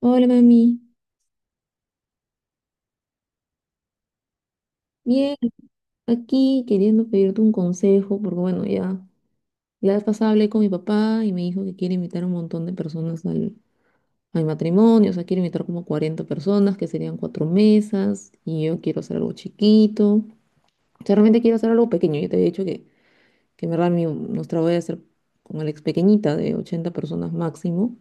Hola mami, bien, aquí queriendo pedirte un consejo, porque bueno, ya la vez pasada hablé con mi papá y me dijo que quiere invitar a un montón de personas a mi matrimonio, o sea, quiere invitar como 40 personas, que serían cuatro mesas, y yo quiero hacer algo chiquito, o sea, realmente quiero hacer algo pequeño, yo te había dicho que, nuestra voy a hacer con Alex pequeñita, de 80 personas máximo,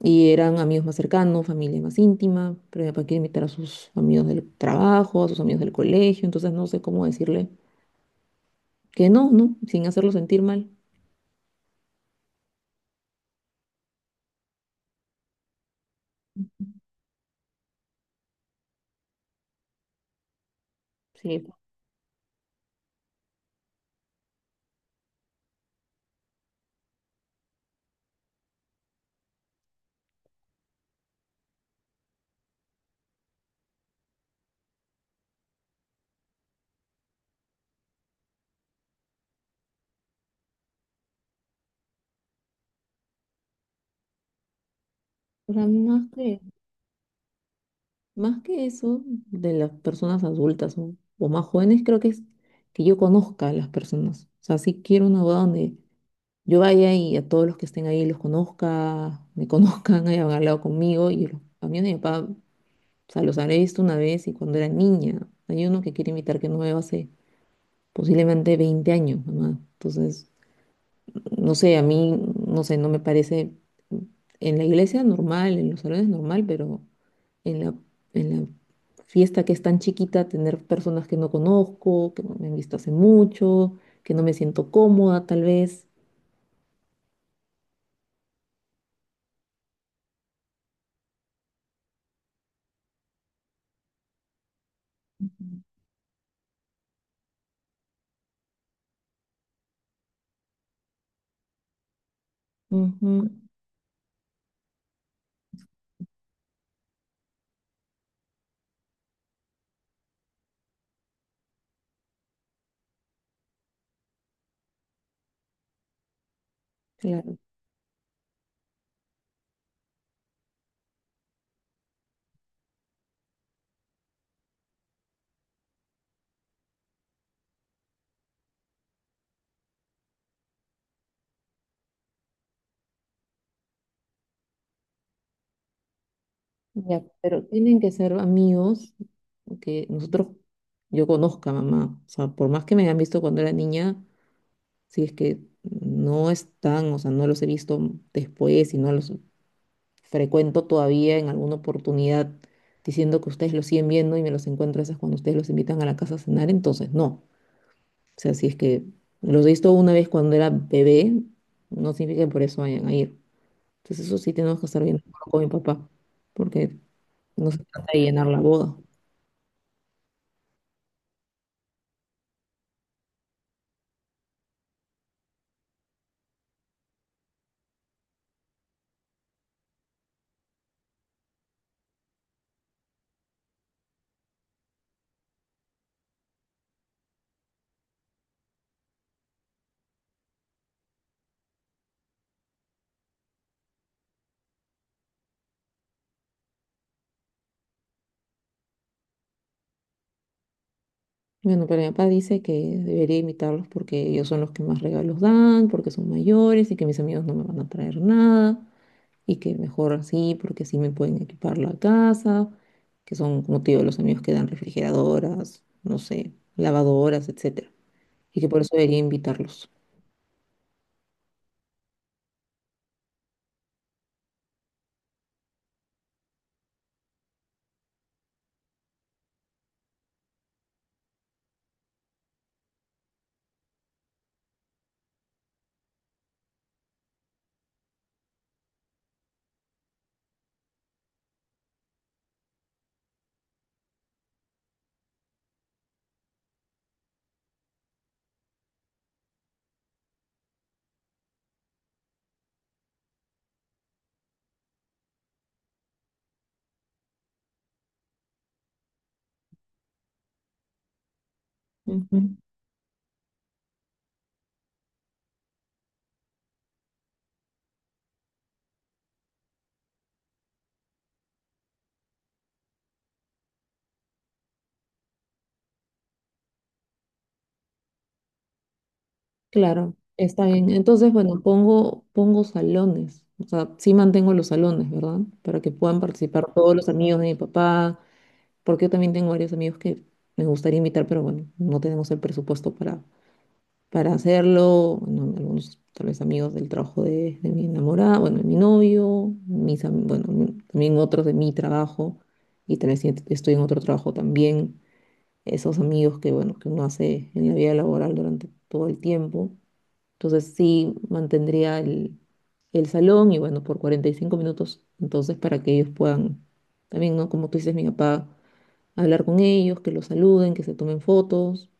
y eran amigos más cercanos, familia más íntima, pero mi papá quiere invitar a sus amigos del trabajo, a sus amigos del colegio, entonces no sé cómo decirle que no, no, sin hacerlo sentir mal. Sí, o sea, más que eso de las personas adultas o más jóvenes, creo que es que yo conozca a las personas. O sea, sí quiero una boda donde yo vaya y a todos los que estén ahí los conozca, me conozcan, hayan hablado conmigo. Y los, a mí a mi papá, o sea, los habré visto una vez y cuando era niña. Hay uno que quiere invitar que no veo hace posiblemente 20 años, mamá. Entonces, no sé, a mí, no sé, no me parece en la iglesia normal, en los salones normal, pero en la, en la fiesta que es tan chiquita, tener personas que no conozco, que no me han visto hace mucho, que no me siento cómoda tal vez. Ujú, claro, ya, pero tienen que ser amigos que nosotros, yo conozca, mamá. O sea, por más que me hayan visto cuando era niña, si es que no están, o sea, no los he visto después y no los frecuento todavía en alguna oportunidad diciendo que ustedes los siguen viendo y me los encuentro esas cuando ustedes los invitan a la casa a cenar, entonces no. O sea, si es que los he visto una vez cuando era bebé, no significa que por eso vayan a ir. Entonces eso sí tenemos que estar bien de acuerdo con mi papá, porque no se trata de llenar la boda. Bueno, pero mi papá dice que debería invitarlos porque ellos son los que más regalos dan, porque son mayores y que mis amigos no me van a traer nada. Y que mejor así, porque así me pueden equipar la casa, que son, como te digo, los amigos que dan refrigeradoras, no sé, lavadoras, etcétera, y que por eso debería invitarlos. Ujú. Claro, está bien. Entonces, bueno, pongo salones, o sea, sí mantengo los salones, ¿verdad? Para que puedan participar todos los amigos de mi papá, porque yo también tengo varios amigos que me gustaría invitar, pero bueno, no tenemos el presupuesto para hacerlo, bueno, algunos tal vez amigos del trabajo de mi enamorada, bueno, de mi novio, mis, am- bueno, mi- también otros de mi trabajo, y tal vez si estoy en otro trabajo también, esos amigos bueno, que uno hace en la vida laboral durante todo el tiempo. Entonces sí mantendría el salón y bueno, por 45 minutos, entonces para que ellos puedan, también, ¿no? Como tú dices, mi papá, hablar con ellos, que los saluden, que se tomen fotos.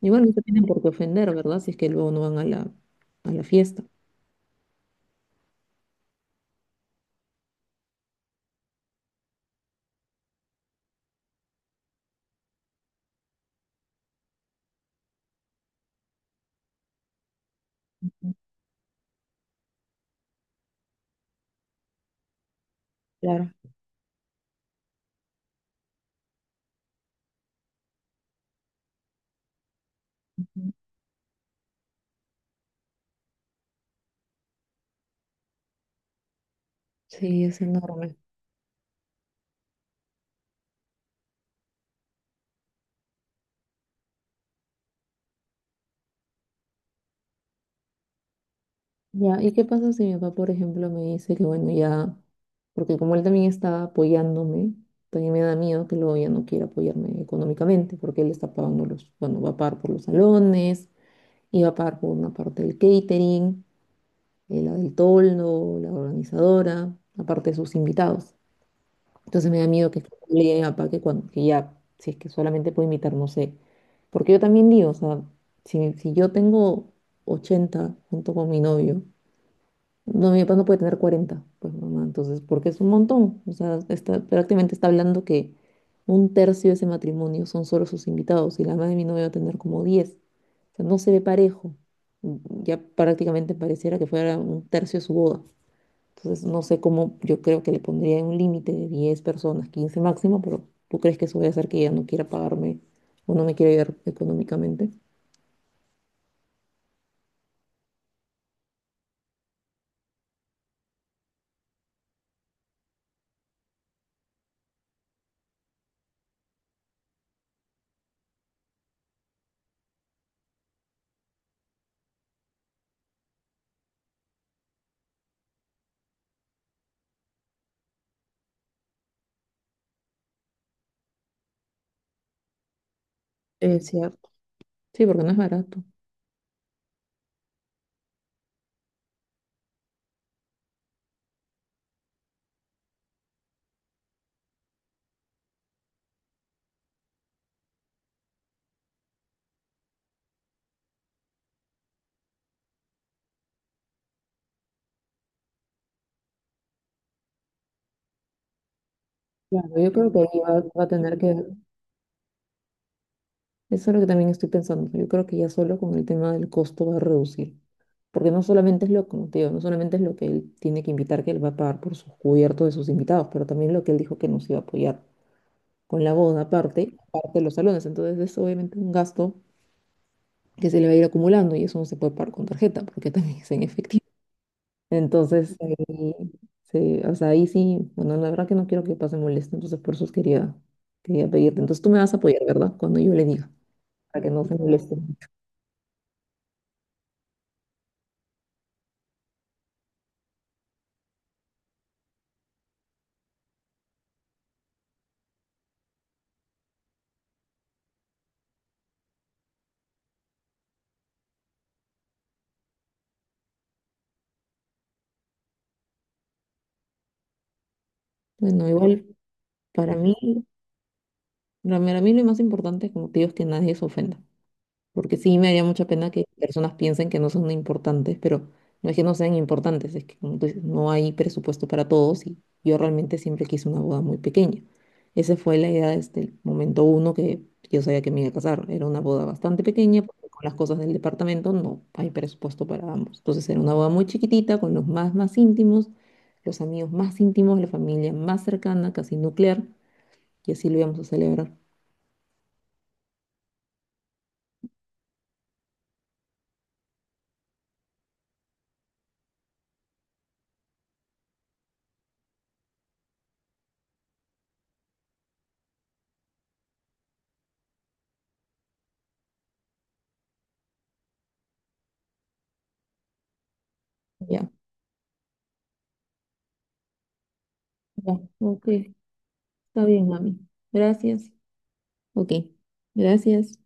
Igual no se tienen por qué ofender, ¿verdad? Si es que luego no van a la fiesta. Sí, es enorme. Ya, ¿y qué pasa si mi papá, por ejemplo, me dice que bueno, ya, porque como él también está apoyándome, también me da miedo que luego ya no quiera apoyarme económicamente, porque él está bueno, va a pagar por los salones, y va a pagar por una parte del catering, la del toldo, la organizadora, aparte de sus invitados. Entonces me da miedo que le diga a mi papá que ya, si es que solamente puedo imitar, no sé. Porque yo también digo, o sea, si yo tengo 80 junto con mi novio, no, mi papá no puede tener 40 pues mamá, entonces, porque es un montón. O sea, prácticamente está hablando que un tercio de ese matrimonio son solo sus invitados y la madre de mi novio va a tener como diez. O sea, no se ve parejo. Ya prácticamente pareciera que fuera un tercio de su boda. Entonces, no sé cómo, yo creo que le pondría un límite de 10 personas, 15 máximo, pero ¿tú crees que eso voy a hacer que ella no quiera pagarme o no me quiera ayudar económicamente? Es cierto. Sí, porque no es barato. Claro, yo creo que ahí va a tener que. Eso es lo que también estoy pensando. Yo creo que ya solo con el tema del costo va a reducir. Porque no solamente es lo, como te digo, no solamente es lo que él tiene que invitar, que él va a pagar por sus cubiertos de sus invitados, pero también lo que él dijo que nos iba a apoyar con la boda aparte, aparte de los salones. Entonces es obviamente un gasto que se le va a ir acumulando y eso no se puede pagar con tarjeta porque también es en efectivo. Entonces, o sea, ahí sí, bueno, la verdad que no quiero que pase molesta, entonces por eso quería pedirte. Entonces tú me vas a apoyar, ¿verdad? Cuando yo le diga, para que no se moleste. Bueno, igual para mí, para mí lo más importante, como te digo, es que nadie se ofenda. Porque sí me haría mucha pena que personas piensen que no son importantes, pero no es que no sean importantes, es que como tú dices, no hay presupuesto para todos y yo realmente siempre quise una boda muy pequeña. Esa fue la idea desde el momento uno que yo sabía que me iba a casar. Era una boda bastante pequeña porque con las cosas del departamento no hay presupuesto para ambos. Entonces era una boda muy chiquitita con los más íntimos, los amigos más íntimos, la familia más cercana, casi nuclear, y así lo íbamos a celebrar. Ya, ya, ok, está bien, mami. Gracias. Ok, gracias.